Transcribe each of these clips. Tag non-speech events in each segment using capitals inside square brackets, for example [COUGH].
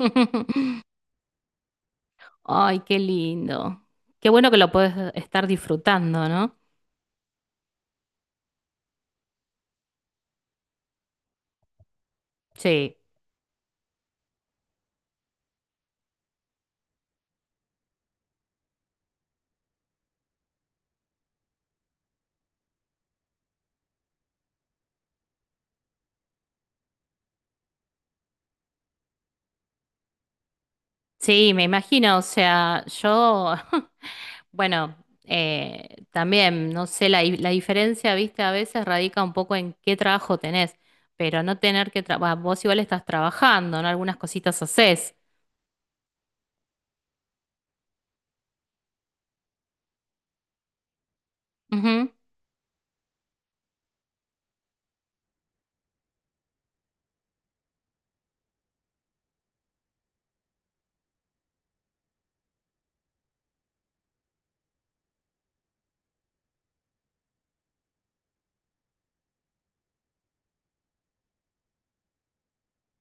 [LAUGHS] Ay, qué lindo. Qué bueno que lo puedes estar disfrutando, ¿no? Sí, sí, me imagino. O sea, yo, [LAUGHS] bueno, también, no sé, la diferencia, viste, a veces radica un poco en qué trabajo tenés, pero no tener que trabajar, vos igual estás trabajando, ¿no? Algunas cositas haces. Ujú.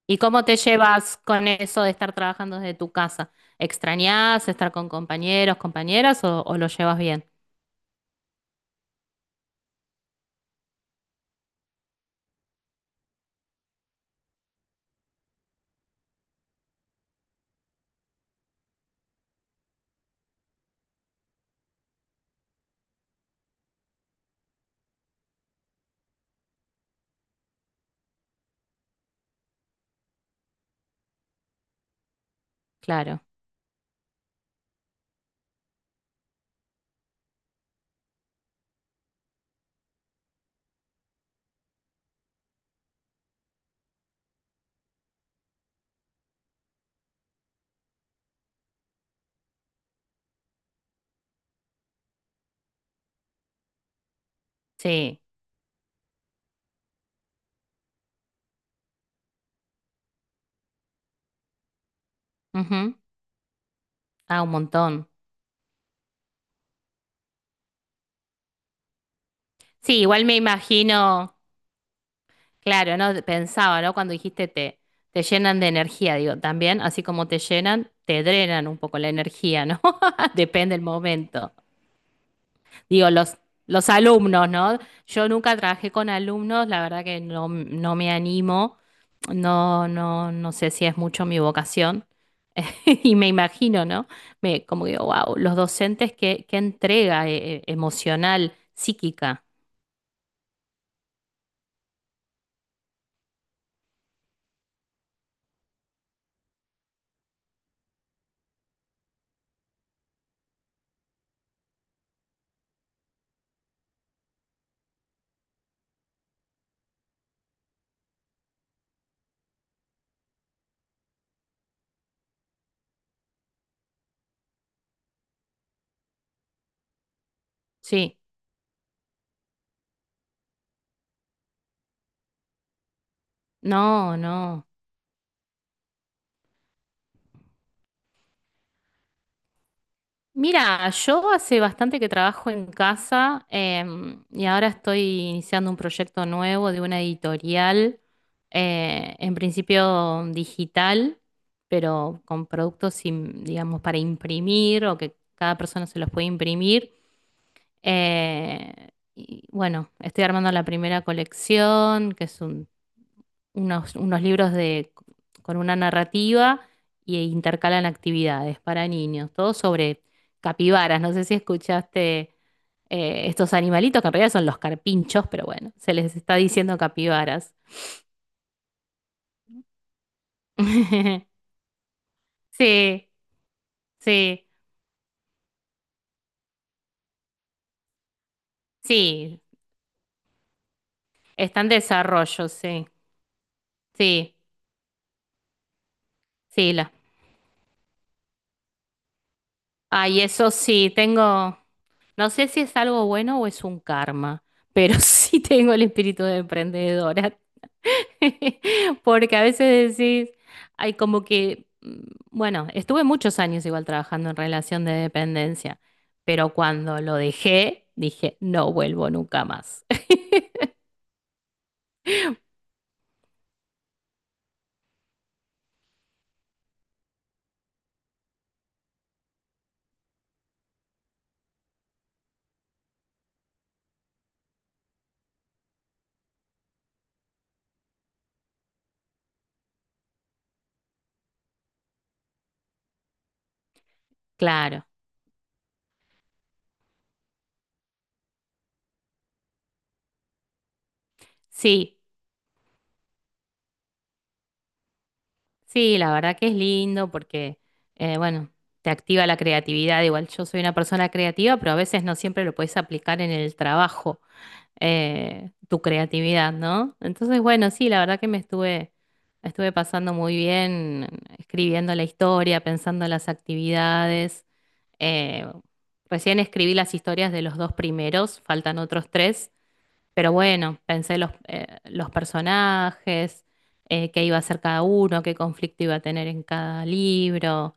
¿Y cómo te llevas con eso de estar trabajando desde tu casa? ¿Extrañás estar con compañeros, compañeras o lo llevas bien? Claro, sí. Ah, un montón. Sí, igual me imagino, claro, ¿no? Pensaba, ¿no? Cuando te llenan de energía, digo, también, así como te llenan, te drenan un poco la energía, ¿no? [LAUGHS] Depende del momento. Digo, los alumnos, ¿no? Yo nunca trabajé con alumnos, la verdad que no, no me animo, no, no, no sé si es mucho mi vocación. [LAUGHS] Y me imagino, ¿no? Me, como digo, wow, los docentes, qué, qué entrega emocional, psíquica. Sí. No, no. Mira, yo hace bastante que trabajo en casa y ahora estoy iniciando un proyecto nuevo de una editorial, en principio digital, pero con digamos, para imprimir o que cada persona se los puede imprimir. Eh, y bueno, estoy armando la primera colección, que es un unos, unos libros de, con una narrativa y intercalan actividades para niños, todo sobre capibaras. No sé si escuchaste estos animalitos, que en realidad son los carpinchos, pero bueno, se les está diciendo capibaras. [LAUGHS] Sí, sí, sí, está en desarrollo, sí, sí, sí. La... Ay, eso sí, tengo, no sé si es algo bueno o es un karma, pero [LAUGHS] sí tengo el espíritu de emprendedora. [LAUGHS] Porque a veces decís, hay como que, bueno, estuve muchos años igual trabajando en relación de dependencia, pero cuando lo dejé, dije, no vuelvo nunca más. [LAUGHS] Claro, sí, sí, la verdad que es lindo porque, bueno, te activa la creatividad. Igual yo soy una persona creativa, pero a veces no siempre lo puedes aplicar en el trabajo, tu creatividad, ¿no? Entonces, bueno, sí, la verdad que estuve pasando muy bien escribiendo la historia, pensando las actividades. Eh, Recién escribí las historias de los dos primeros, faltan otros tres, pero bueno, los personajes, qué iba a hacer cada uno, qué conflicto iba a tener en cada libro.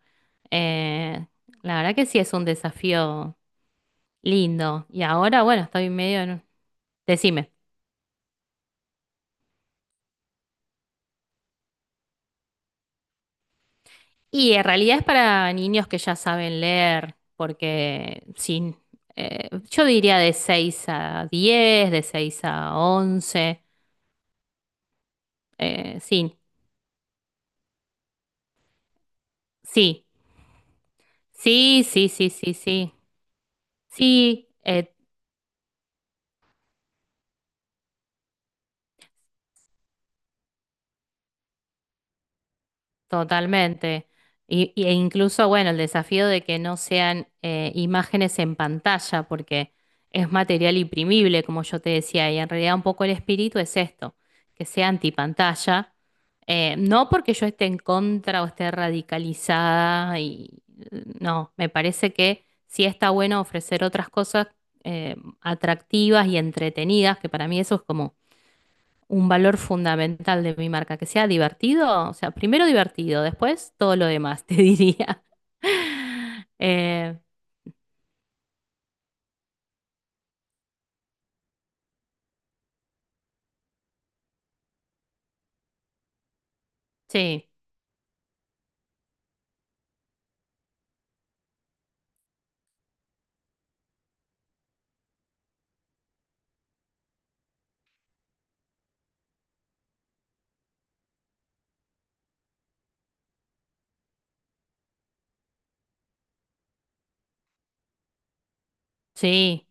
Eh, la verdad que sí es un desafío lindo. Y ahora, bueno, estoy medio en... Decime. Y en realidad es para niños que ya saben leer, porque sin, yo diría de 6 a 10, de 6 a 11, sí, sí, sí, sí, sí, sí, sí, sí, totalmente. E incluso, bueno, el desafío de que no sean imágenes en pantalla, porque es material imprimible, como yo te decía, y en realidad un poco el espíritu es esto, que sea antipantalla. No porque yo esté en contra o esté radicalizada, y no, me parece que sí está bueno ofrecer otras cosas atractivas y entretenidas, que para mí eso es como un valor fundamental de mi marca, que sea divertido, o sea, primero divertido, después todo lo demás, [LAUGHS] te diría. Eh, sí, sí,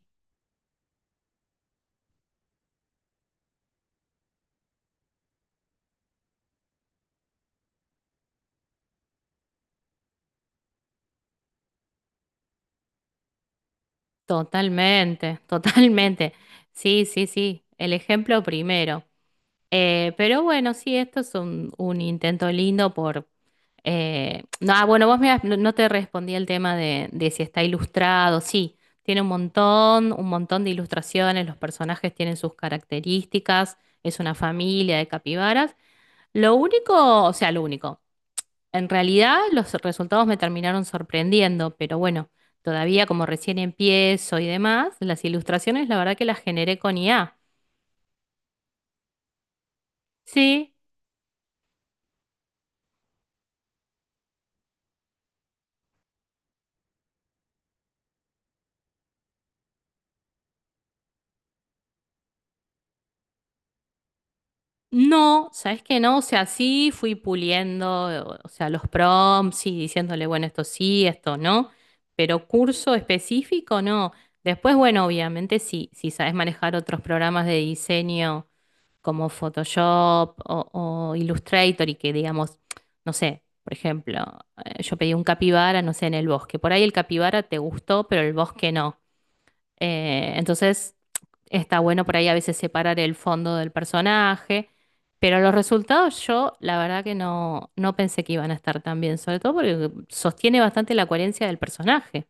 totalmente, totalmente. Sí, sí, sí, el ejemplo primero. Pero bueno, sí, esto es un intento lindo por... no, ah, bueno, no, no te respondí el tema de si está ilustrado. Sí, tiene un montón de ilustraciones, los personajes tienen sus características, es una familia de capibaras. Lo único, o sea, lo único, en realidad los resultados me terminaron sorprendiendo, pero bueno, todavía como recién empiezo y demás, las ilustraciones la verdad que las generé con IA. Sí. No, ¿sabes qué no? O sea, sí fui puliendo, o sea, los prompts y diciéndole, bueno, esto sí, esto no, pero curso específico no. Después, bueno, obviamente sí, si sabes manejar otros programas de diseño como Photoshop o Illustrator y que digamos, no sé, por ejemplo, yo pedí un capibara, no sé, en el bosque. Por ahí el capibara te gustó, pero el bosque no. Entonces... Está bueno por ahí a veces separar el fondo del personaje, pero los resultados yo la verdad que no, no pensé que iban a estar tan bien, sobre todo porque sostiene bastante la coherencia del personaje.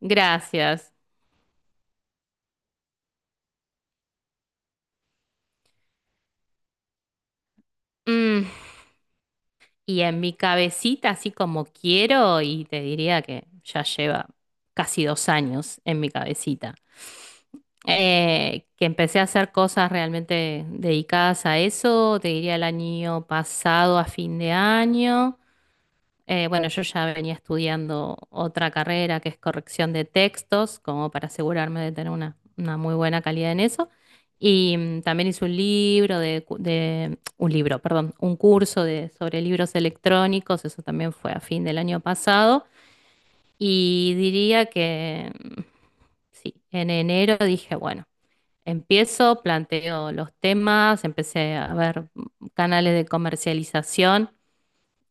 Gracias. Mm, y en mi cabecita, así como quiero, y te diría que ya lleva casi 2 años en mi cabecita, que empecé a hacer cosas realmente dedicadas a eso, te diría el año pasado a fin de año. Bueno, yo ya venía estudiando otra carrera que es corrección de textos, como para asegurarme de tener una muy buena calidad en eso. Y también hice un libro un libro, perdón, un curso de, sobre libros electrónicos, eso también fue a fin del año pasado. Y diría que sí, en enero dije, bueno, empiezo, planteo los temas, empecé a ver canales de comercialización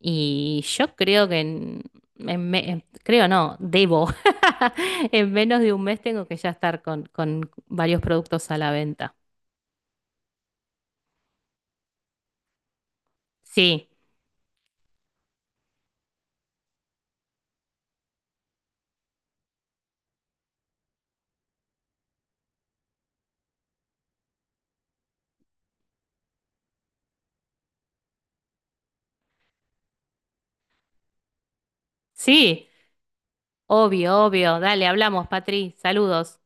y yo creo que creo no, debo. [LAUGHS] En menos de 1 mes tengo que ya estar con varios productos a la venta. Sí, sí, obvio, obvio. Dale, hablamos, Patri. Saludos.